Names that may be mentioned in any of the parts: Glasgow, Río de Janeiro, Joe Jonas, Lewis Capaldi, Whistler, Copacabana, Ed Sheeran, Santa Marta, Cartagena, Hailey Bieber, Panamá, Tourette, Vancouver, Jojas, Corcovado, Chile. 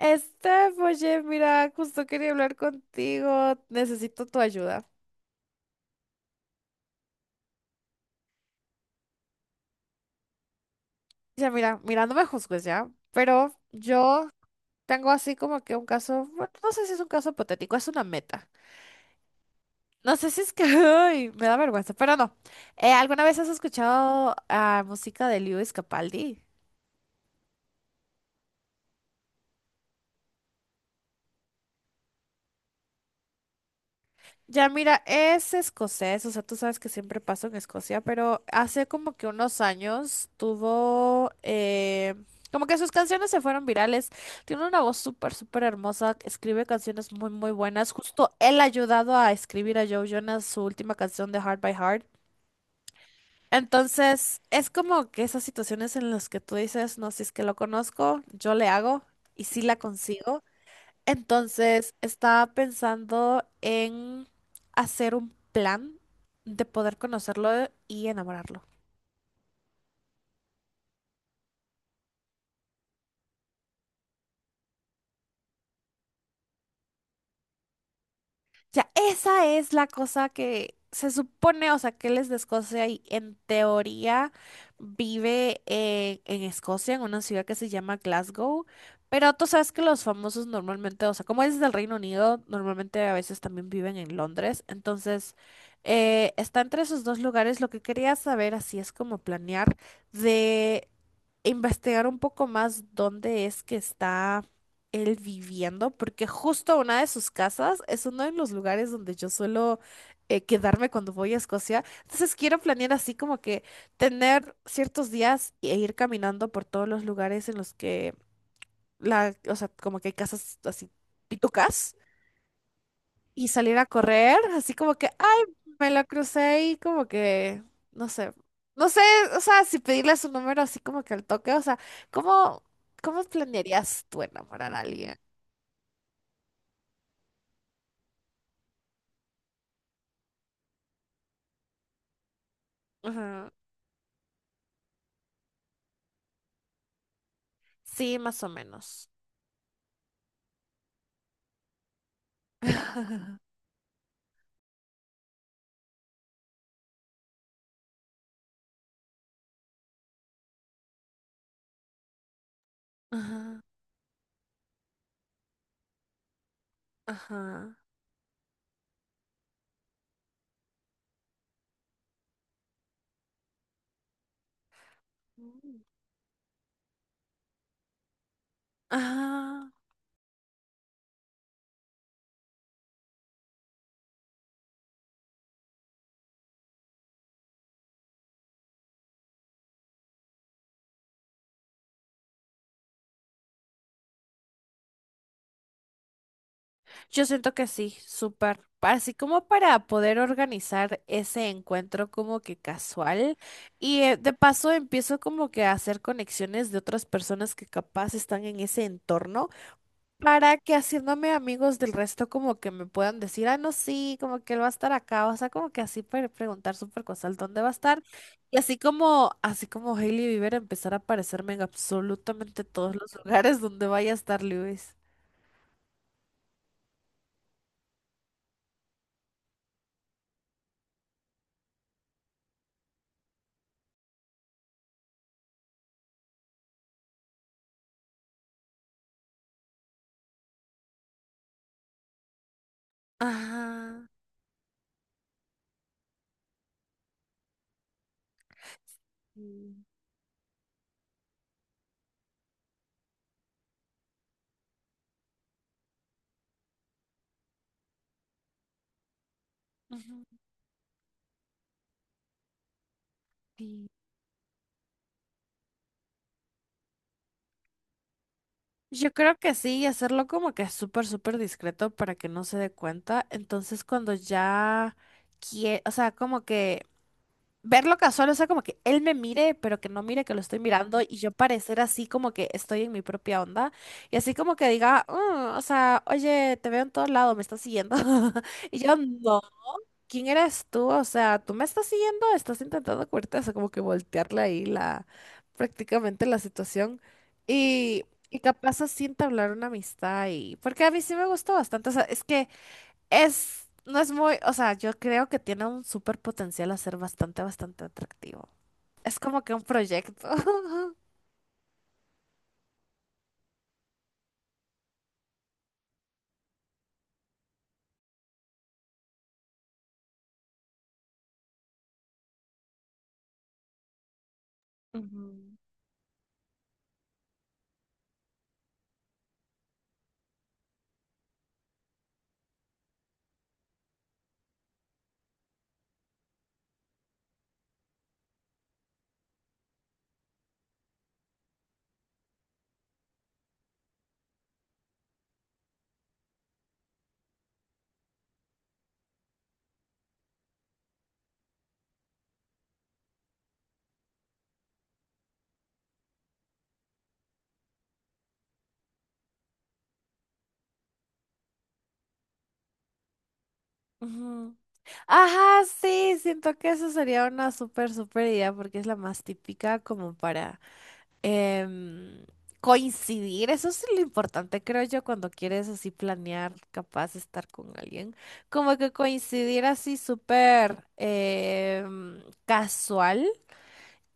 Steph, oye, mira, justo quería hablar contigo. Necesito tu ayuda. Ya, mira, no me juzgues ya, pero yo tengo así como que un caso, bueno, no sé si es un caso hipotético, es una meta. No sé si es que, ay, me da vergüenza, pero no. ¿Alguna vez has escuchado música de Lewis Capaldi? Ya mira, es escocés, o sea, tú sabes que siempre pasó en Escocia, pero hace como que unos años tuvo, como que sus canciones se fueron virales. Tiene una voz súper, súper hermosa, escribe canciones muy, muy buenas. Justo él ha ayudado a escribir a Joe Jonas su última canción de Heart by Heart. Entonces, es como que esas situaciones en las que tú dices, no, si es que lo conozco, yo le hago y sí la consigo. Entonces, estaba pensando en hacer un plan de poder conocerlo y enamorarlo. Sea, esa es la cosa que se supone, o sea, que él es de Escocia y en teoría vive en Escocia, en una ciudad que se llama Glasgow. Pero tú sabes que los famosos normalmente, o sea, como es del Reino Unido, normalmente a veces también viven en Londres. Entonces, está entre esos dos lugares. Lo que quería saber, así es como planear, de investigar un poco más dónde es que está él viviendo, porque justo una de sus casas es uno de los lugares donde yo suelo quedarme cuando voy a Escocia. Entonces quiero planear así como que tener ciertos días e ir caminando por todos los lugares en los que la, o sea, como que hay casas así pitucas y salir a correr, así como que, ay, me la crucé y como que, no sé, no sé, o sea, si pedirle su número así como que al toque, o sea, ¿cómo, cómo planearías tú enamorar a alguien? Ujú. Sí, más o menos. Ajá, ajá. Mm. Ajá. Yo siento que sí, súper. Así como para poder organizar ese encuentro como que casual. Y de paso empiezo como que a hacer conexiones de otras personas que capaz están en ese entorno para que haciéndome amigos del resto como que me puedan decir, ah, no, sí, como que él va a estar acá, o sea, como que así preguntar súper cosas, ¿dónde va a estar? Y así como Hailey Bieber empezar a aparecerme en absolutamente todos los lugares donde vaya a estar Lewis. Ajá. Sí, ujú, sí. Yo creo que sí, y hacerlo como que súper, súper discreto para que no se dé cuenta. Entonces, cuando ya quiere, o sea, como que verlo casual, o sea, como que él me mire, pero que no mire que lo estoy mirando y yo parecer así como que estoy en mi propia onda y así como que diga, "Mm, o sea, oye, te veo en todos lados, me estás siguiendo". Y yo, no, ¿quién eres tú? O sea, tú me estás siguiendo, estás intentando cubrirte, o sea, como que voltearle ahí la, prácticamente la situación y... Y capaz así entablar una amistad y... Porque a mí sí me gustó bastante. O sea, es que es, no es muy, o sea, yo creo que tiene un súper potencial a ser bastante, bastante atractivo. Es como que un proyecto. Ujú. Ujú. Ajá, sí, siento que eso sería una súper, súper idea porque es la más típica como para em, coincidir. Eso es lo importante, creo yo, cuando quieres así planear, capaz de estar con alguien. Como que coincidir así súper casual.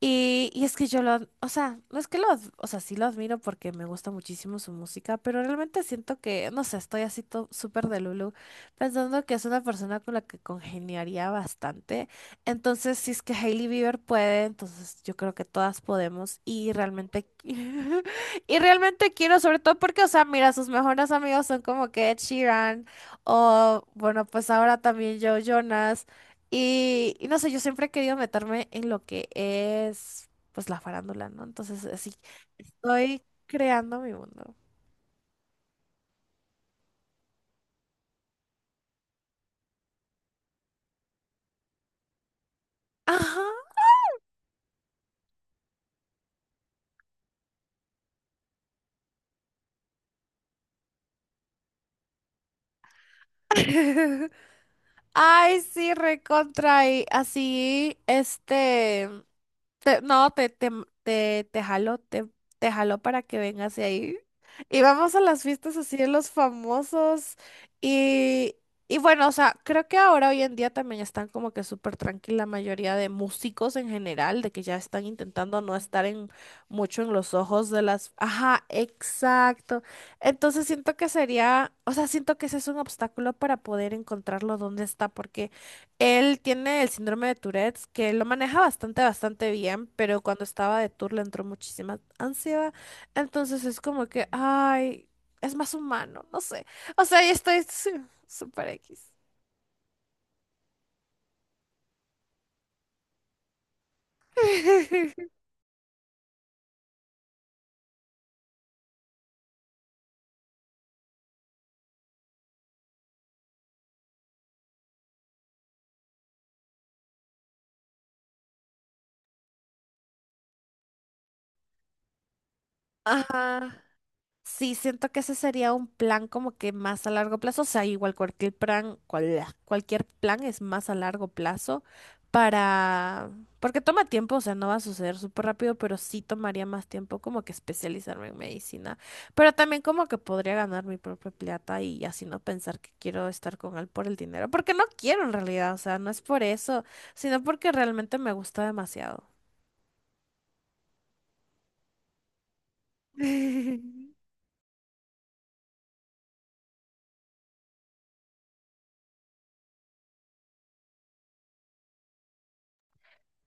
Y es que yo lo, o sea, no es que lo, o sea, sí lo admiro porque me gusta muchísimo su música, pero realmente siento que, no sé, estoy así súper de Lulu, pensando que es una persona con la que congeniaría bastante. Entonces, si es que Hailey Bieber puede, entonces yo creo que todas podemos y realmente, y realmente quiero, sobre todo porque, o sea, mira, sus mejores amigos son como que Ed Sheeran o, bueno, pues ahora también Joe Jonas. Y no sé, yo siempre he querido meterme en lo que es, pues, la farándula, ¿no? Entonces, así, estoy creando mi mundo. Ajá. Ay, sí, recontra. Y así, este. No, te jalo, te jalo para que vengas de ahí. Y vamos a las fiestas así de los famosos. Y, y bueno, o sea, creo que ahora hoy en día también están como que súper tranquila la mayoría de músicos en general, de que ya están intentando no estar en mucho en los ojos de las... Ajá, exacto. Entonces siento que sería, o sea, siento que ese es un obstáculo para poder encontrarlo dónde está, porque él tiene el síndrome de Tourette, que lo maneja bastante, bastante bien, pero cuando estaba de tour le entró muchísima ansiedad. Entonces es como que, ay, es más humano, no sé. O sea, yo estoy súper X. Ajá. Sí, siento que ese sería un plan como que más a largo plazo, o sea, igual cualquier plan, cualquier plan es más a largo plazo para, porque toma tiempo, o sea, no va a suceder súper rápido, pero sí tomaría más tiempo como que especializarme en medicina, pero también como que podría ganar mi propia plata y así no pensar que quiero estar con él por el dinero, porque no quiero en realidad, o sea, no es por eso, sino porque realmente me gusta demasiado.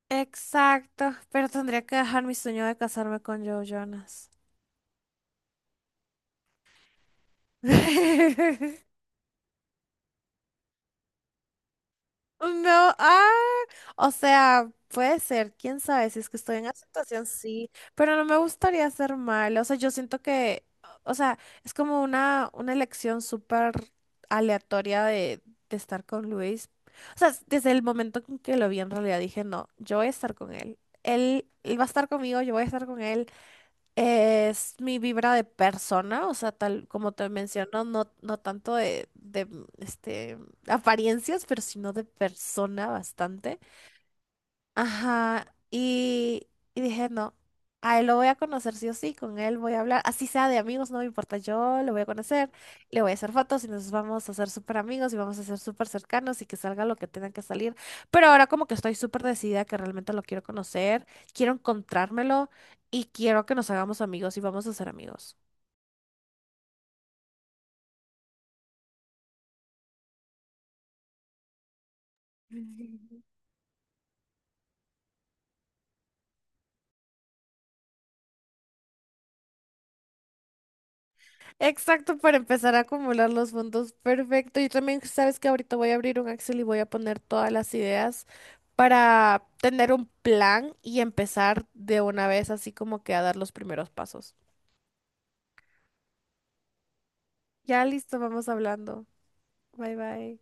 Exacto, pero tendría que dejar mi sueño de casarme con Joe Jonas. No, ah, o sea, puede ser, quién sabe, si es que estoy en aceptación, sí, pero no me gustaría hacer mal, o sea, yo siento que, o sea, es como una elección súper aleatoria de, estar con Luis, o sea, desde el momento en que lo vi en realidad dije, no, yo voy a estar con él, él va a estar conmigo, yo voy a estar con él. Es mi vibra de persona, o sea, tal como te menciono, no, no tanto de este, apariencias, pero sino de persona bastante. Ajá, y dije, no, a él lo voy a conocer sí o sí, con él voy a hablar, así sea de amigos, no me importa, yo lo voy a conocer, le voy a hacer fotos y nos vamos a hacer súper amigos y vamos a ser súper cercanos y que salga lo que tenga que salir. Pero ahora como que estoy súper decidida que realmente lo quiero conocer, quiero encontrármelo y quiero que nos hagamos amigos y vamos a ser amigos. Exacto, para empezar a acumular los fondos. Perfecto. Yo también, sabes que ahorita voy a abrir un Excel y voy a poner todas las ideas para tener un plan y empezar de una vez, así como que a dar los primeros pasos. Ya listo, vamos hablando. Bye bye.